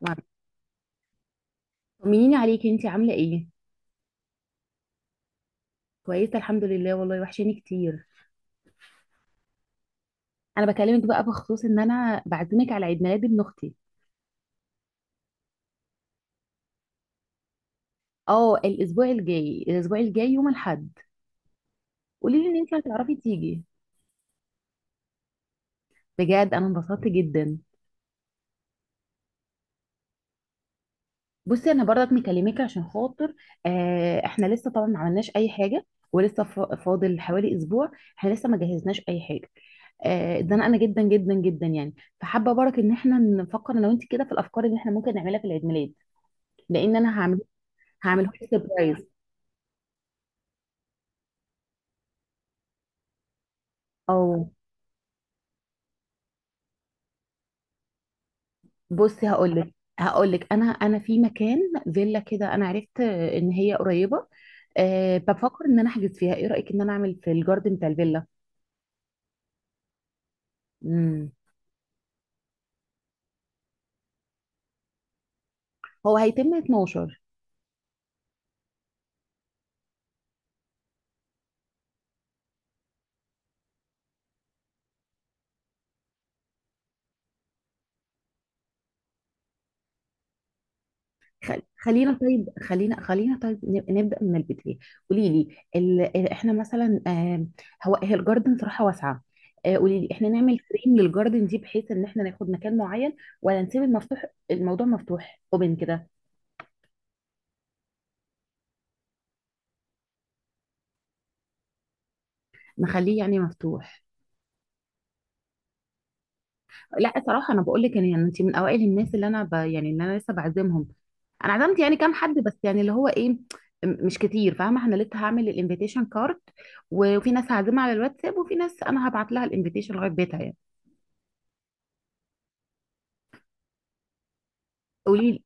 مع- طمنيني عليكي، انتي عامله ايه؟ كويسه الحمد لله، والله وحشاني كتير. انا بكلمك بقى بخصوص ان انا بعزمك على عيد ميلاد ابن اختي. اه، الاسبوع الجاي، الاسبوع الجاي يوم الاحد. قولي لي ان انتي هتعرفي تيجي. بجد انا انبسطت جدا. بصي انا برضك مكلمك عشان خاطر احنا لسه طبعا ما عملناش اي حاجه. ولسه فاضل حوالي اسبوع. احنا لسه ما جهزناش اي حاجه. اتزنقنا جدا جدا جدا يعني. فحابه برك ان احنا نفكر انا وانت كده في الافكار اللي احنا ممكن نعملها في العيد ميلاد، لان انا هعمل. هعمله لك سربرايز. او بصي هقول لك انا في مكان، فيلا كده، انا عرفت ان هي قريبه. أه، بفكر ان انا احجز فيها. ايه رايك ان انا اعمل في الجاردن بتاع الفيلا؟ امم، هو هيتم 12. خلينا طيب نبدا من البدايه. قولي لي احنا مثلا، هو هي الجاردن صراحه واسعه. قولي لي احنا نعمل فريم للجاردن دي بحيث ان احنا ناخد مكان معين، ولا نسيب المفتوح؟ الموضوع مفتوح اوبن كده. نخليه يعني مفتوح. لا صراحة انا بقول لك يعني انت من اوائل الناس اللي انا يعني اللي انا لسه بعزمهم. انا عزمت يعني كام حد بس، يعني اللي هو ايه، مش كتير. فاهمة انا لسه هعمل الانفيتيشن كارد، وفي ناس هعزمها على الواتساب، وفي ناس انا هبعت لها الانفيتيشن لغاية بيتها يعني. قولي لي.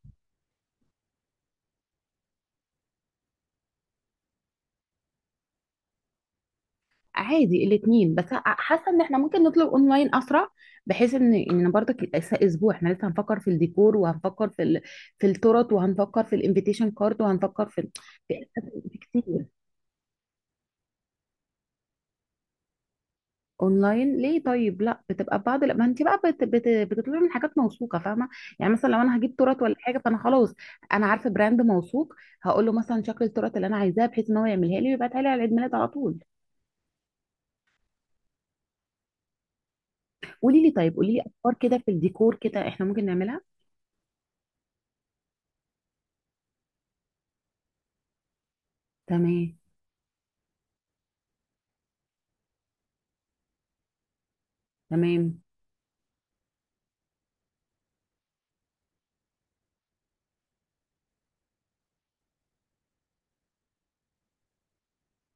عادي الاثنين، بس حاسة ان احنا ممكن نطلب اونلاين اسرع، بحيث ان برضك لسه اسبوع، احنا لسه هنفكر في الديكور، وهنفكر في في التورت، وهنفكر في الانفيتيشن كارد، وهنفكر في، في، في كتير. اونلاين ليه طيب؟ لا بتبقى بعض، لا ما انت بقى بتطلبي من حاجات موثوقه، فاهمه. يعني مثلا لو انا هجيب تورت ولا حاجه، فانا خلاص انا عارفه براند موثوق. هقول له مثلا شكل التورت اللي انا عايزاه، بحيث ان هو يعملها لي ويبعتها لي على عيد ميلاد على طول. قولي لي طيب، قولي لي افكار كده في الديكور كده احنا ممكن نعملها. تمام، تمام،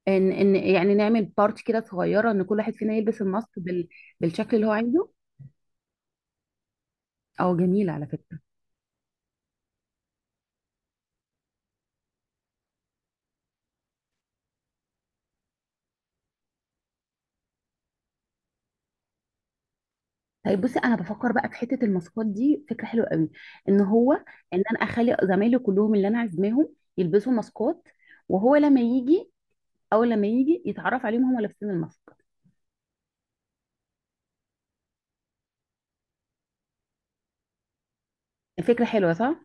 ان يعني نعمل بارت كده صغيره، ان كل واحد فينا يلبس الماسك بالشكل اللي هو عايزه. اه، جميله على فكره. طيب بصي، انا بفكر بقى في حته الماسكات دي، فكره حلوه قوي، ان هو ان انا اخلي زمايلي كلهم اللي انا عازماهم يلبسوا ماسكات، وهو لما يجي، او لما يجي يتعرف عليهم هم لابسين الماسك. فكره حلوه، صح؟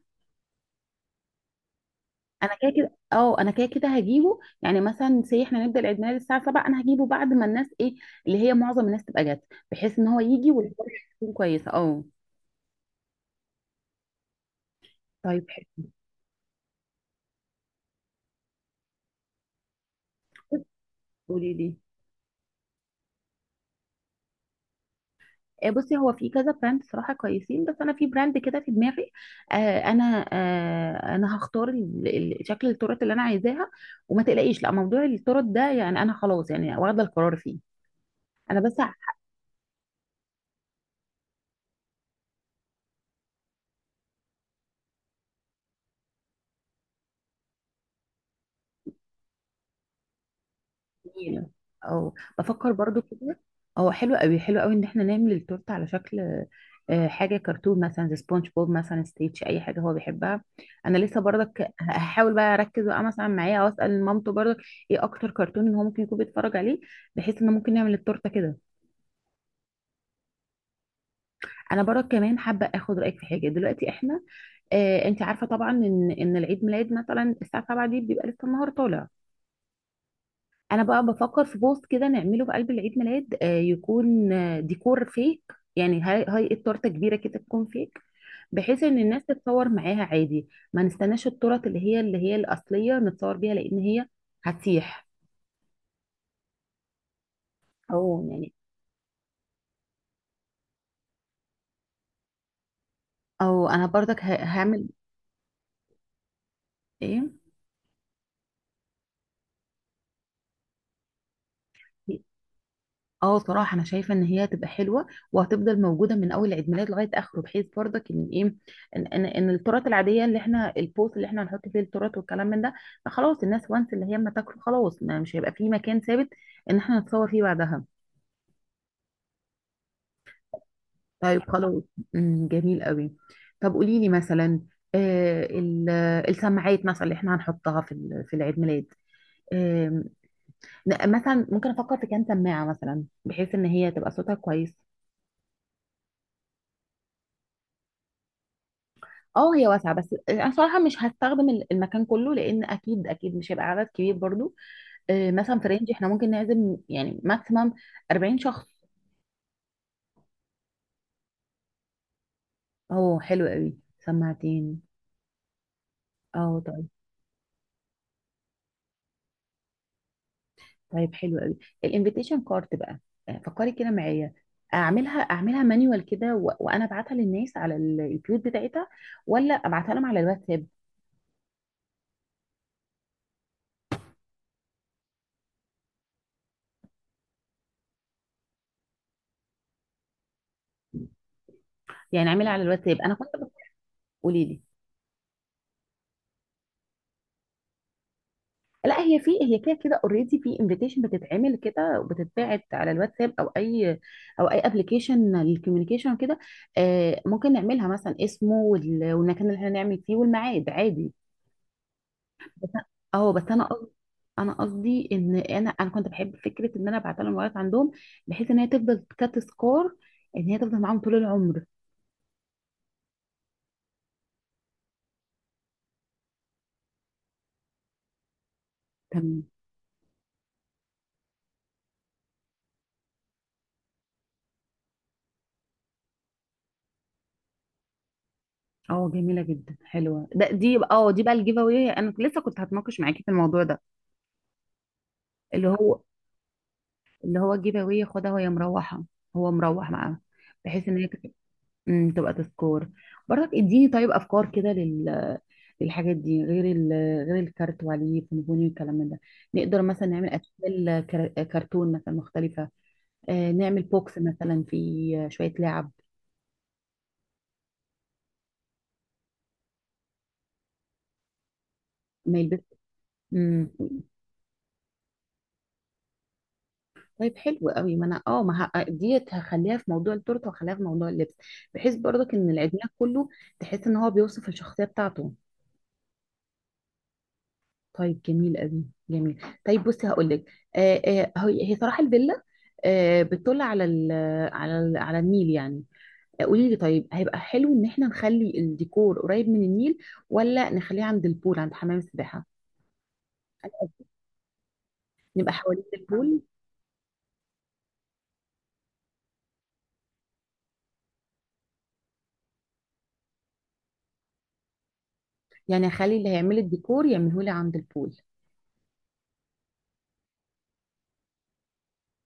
انا كده كده، اه انا كده كده هجيبه. يعني مثلا سي احنا نبدا العيد ميلاد الساعه 7، انا هجيبه بعد ما الناس ايه، اللي هي معظم الناس تبقى جت، بحيث ان هو يجي والدنيا تكون كويسه. اه طيب حلو. قولي لي. بصي هو في كذا براند صراحة كويسين، بس أنا في براند كده في دماغي. آه أنا أنا هختار شكل التورت اللي أنا عايزاها. وما تقلقيش، لا موضوع التورت ده يعني أنا خلاص يعني واخدة القرار فيه. أنا بس. جميلة، او بفكر برضو كده. هو حلو قوي، حلو قوي ان احنا نعمل التورته على شكل، حاجه كرتون مثلا، زي سبونج بوب مثلا، ستيتش، اي حاجه هو بيحبها. انا لسه برضك هحاول بقى اركز بقى مثلا معاه، او اسال مامته برضك ايه اكتر كرتون ان هو ممكن يكون بيتفرج عليه، بحيث ان ممكن نعمل التورته كده. انا برضك كمان حابه اخد رايك في حاجه. دلوقتي احنا، انت عارفه طبعا ان العيد ميلاد مثلا الساعه 7 دي بيبقى لسه النهار طالع. انا بقى بفكر في بوست كده نعمله في قلب العيد ميلاد، يكون ديكور فيك. يعني هاي التورته كبيره كده تكون فيك، بحيث ان الناس تتصور معاها عادي. ما نستناش التورت اللي هي الاصليه نتصور بيها، لان هي هتسيح. أو يعني، او انا برضك هعمل ايه. اه صراحة انا شايفة ان هي هتبقى حلوة، وهتفضل موجودة من اول عيد ميلاد لغاية اخره، بحيث برضك ان ايه، إن التورت العادية اللي احنا، البوست اللي احنا هنحط فيه التورت والكلام من ده، فخلاص الناس وانس اللي هي ما تاكله خلاص، ما مش هيبقى فيه مكان ثابت ان احنا نتصور فيه بعدها. طيب خلاص. جميل قوي. طب قولي لي مثلا، آه ال- السماعات مثلا اللي احنا هنحطها في في العيد ميلاد، آم، مثلا ممكن افكر في كام سماعة، مثلا بحيث ان هي تبقى صوتها كويس. اه هي واسعه، بس انا صراحه مش هستخدم المكان كله، لان اكيد اكيد مش هيبقى عدد كبير برضو. مثلا في رينج احنا ممكن نعزم يعني ماكسيمم 40 شخص. اه حلو قوي، سماعتين. اه طيب. طيب حلو قوي. الانفيتيشن كارت بقى، فكري كده معايا. اعملها، اعملها مانيوال كده، وانا ابعتها للناس على البيوت بتاعتها، ولا ابعتها لهم على الواتساب؟ يعني اعملها على الواتساب، انا كنت. قولي لي. لا هي في، هي كده كده اوريدي في انفيتيشن بتتعمل كده وبتتبعت على الواتساب، او اي، او اي ابلكيشن للكوميونيكيشن كده. آه ممكن نعملها مثلا اسمه والمكان اللي احنا نعمل فيه والميعاد، عادي. بس اه بس انا قصدي، انا قصدي ان انا كنت بحب فكره ان انا ابعت لهم الموبايلات عندهم، بحيث ان هي تفضل كتذكار، ان هي تفضل معاهم طول العمر. تمام. اه جميله جدا، حلوه ده، دي اه دي بقى الجيف اواي، انا لسه كنت هتناقش معاكي في الموضوع ده، اللي هو، اللي هو الجيب اواي، خدها وهي مروحه، هو مروح معاها، بحيث ان هي تبقى، تبقى تذكار. برضك اديني طيب افكار كده لل، للحاجات دي، غير غير الكارت وعليه فونفوني والكلام من ده. نقدر مثلا نعمل اشكال كرتون مثلا مختلفه. آه نعمل بوكس مثلا فيه شويه لعب. ما يلبس. أمم، طيب حلو قوي. ما انا اه ما ديت هخليها في موضوع التورته وهخليها في موضوع اللبس، بحيث برضك ان العيدميلاد كله تحس ان هو بيوصف الشخصيه بتاعته. طيب جميل قوي. جميل. طيب بصي هقول لك، هي، هي صراحه الفيلا، آه بتطل على ال، على ال، على النيل يعني. قولي لي طيب، هيبقى حلو ان احنا نخلي الديكور قريب من النيل، ولا نخليه عند البول، عند حمام السباحه؟ أنا قصدي نبقى حوالين البول. يعني اخلي اللي هيعمل الديكور يعمله لي عند البول.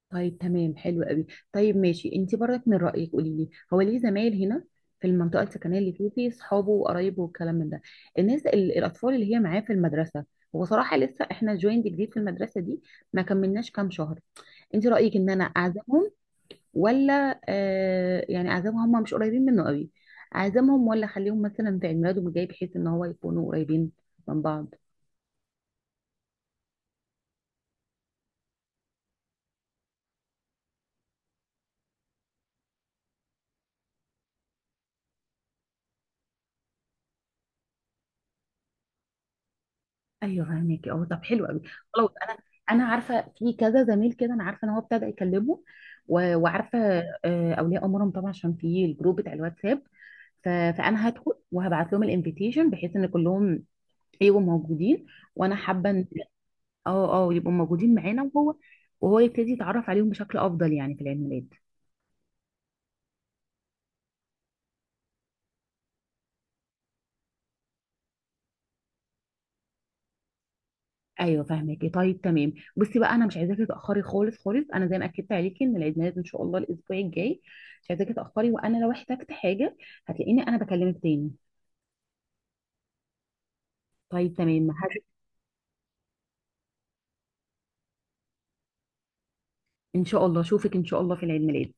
طيب تمام حلو قوي. طيب ماشي، انت برضك من رأيك قولي لي، هو ليه زمايل هنا في المنطقة السكنية اللي فيه، فيه صحابه وقرايبه والكلام من ده. الناس الأطفال اللي هي معاه في المدرسة، هو صراحة لسه احنا جويند جديد في المدرسة دي، ما كملناش كام شهر. انت رأيك ان انا اعزمهم، ولا آه يعني اعزمهم، هم مش قريبين منه قوي. اعزمهم، ولا اخليهم مثلا في عيد ميلاده الجاي بحيث ان هو يكونوا قريبين من بعض؟ ايوه فهمك، اه طب حلو قوي. خلاص، انا، انا عارفه في كذا زميل كده، انا عارفه ان هو ابتدى يكلمه وعارفه، اولياء امورهم طبعا عشان في الجروب بتاع الواتساب. فانا هدخل وهبعت لهم الانفيتيشن، بحيث ان كلهم يبقوا موجودين. وانا حابه ان، اه اه يبقوا موجودين معانا، وهو يبتدي يتعرف عليهم بشكل افضل يعني في العيد ميلاد. ايوه فاهمكي، طيب تمام. بصي بقى، انا مش عايزاكي تاخري خالص خالص، انا زي ما اكدت عليكي ان العيد ميلاد ان شاء الله الاسبوع الجاي، مش عايزاكي تاخري. وانا لو احتجت حاجه هتلاقيني انا بكلمك تاني. طيب تمام، ان شاء الله اشوفك ان شاء الله في العيد ميلاد.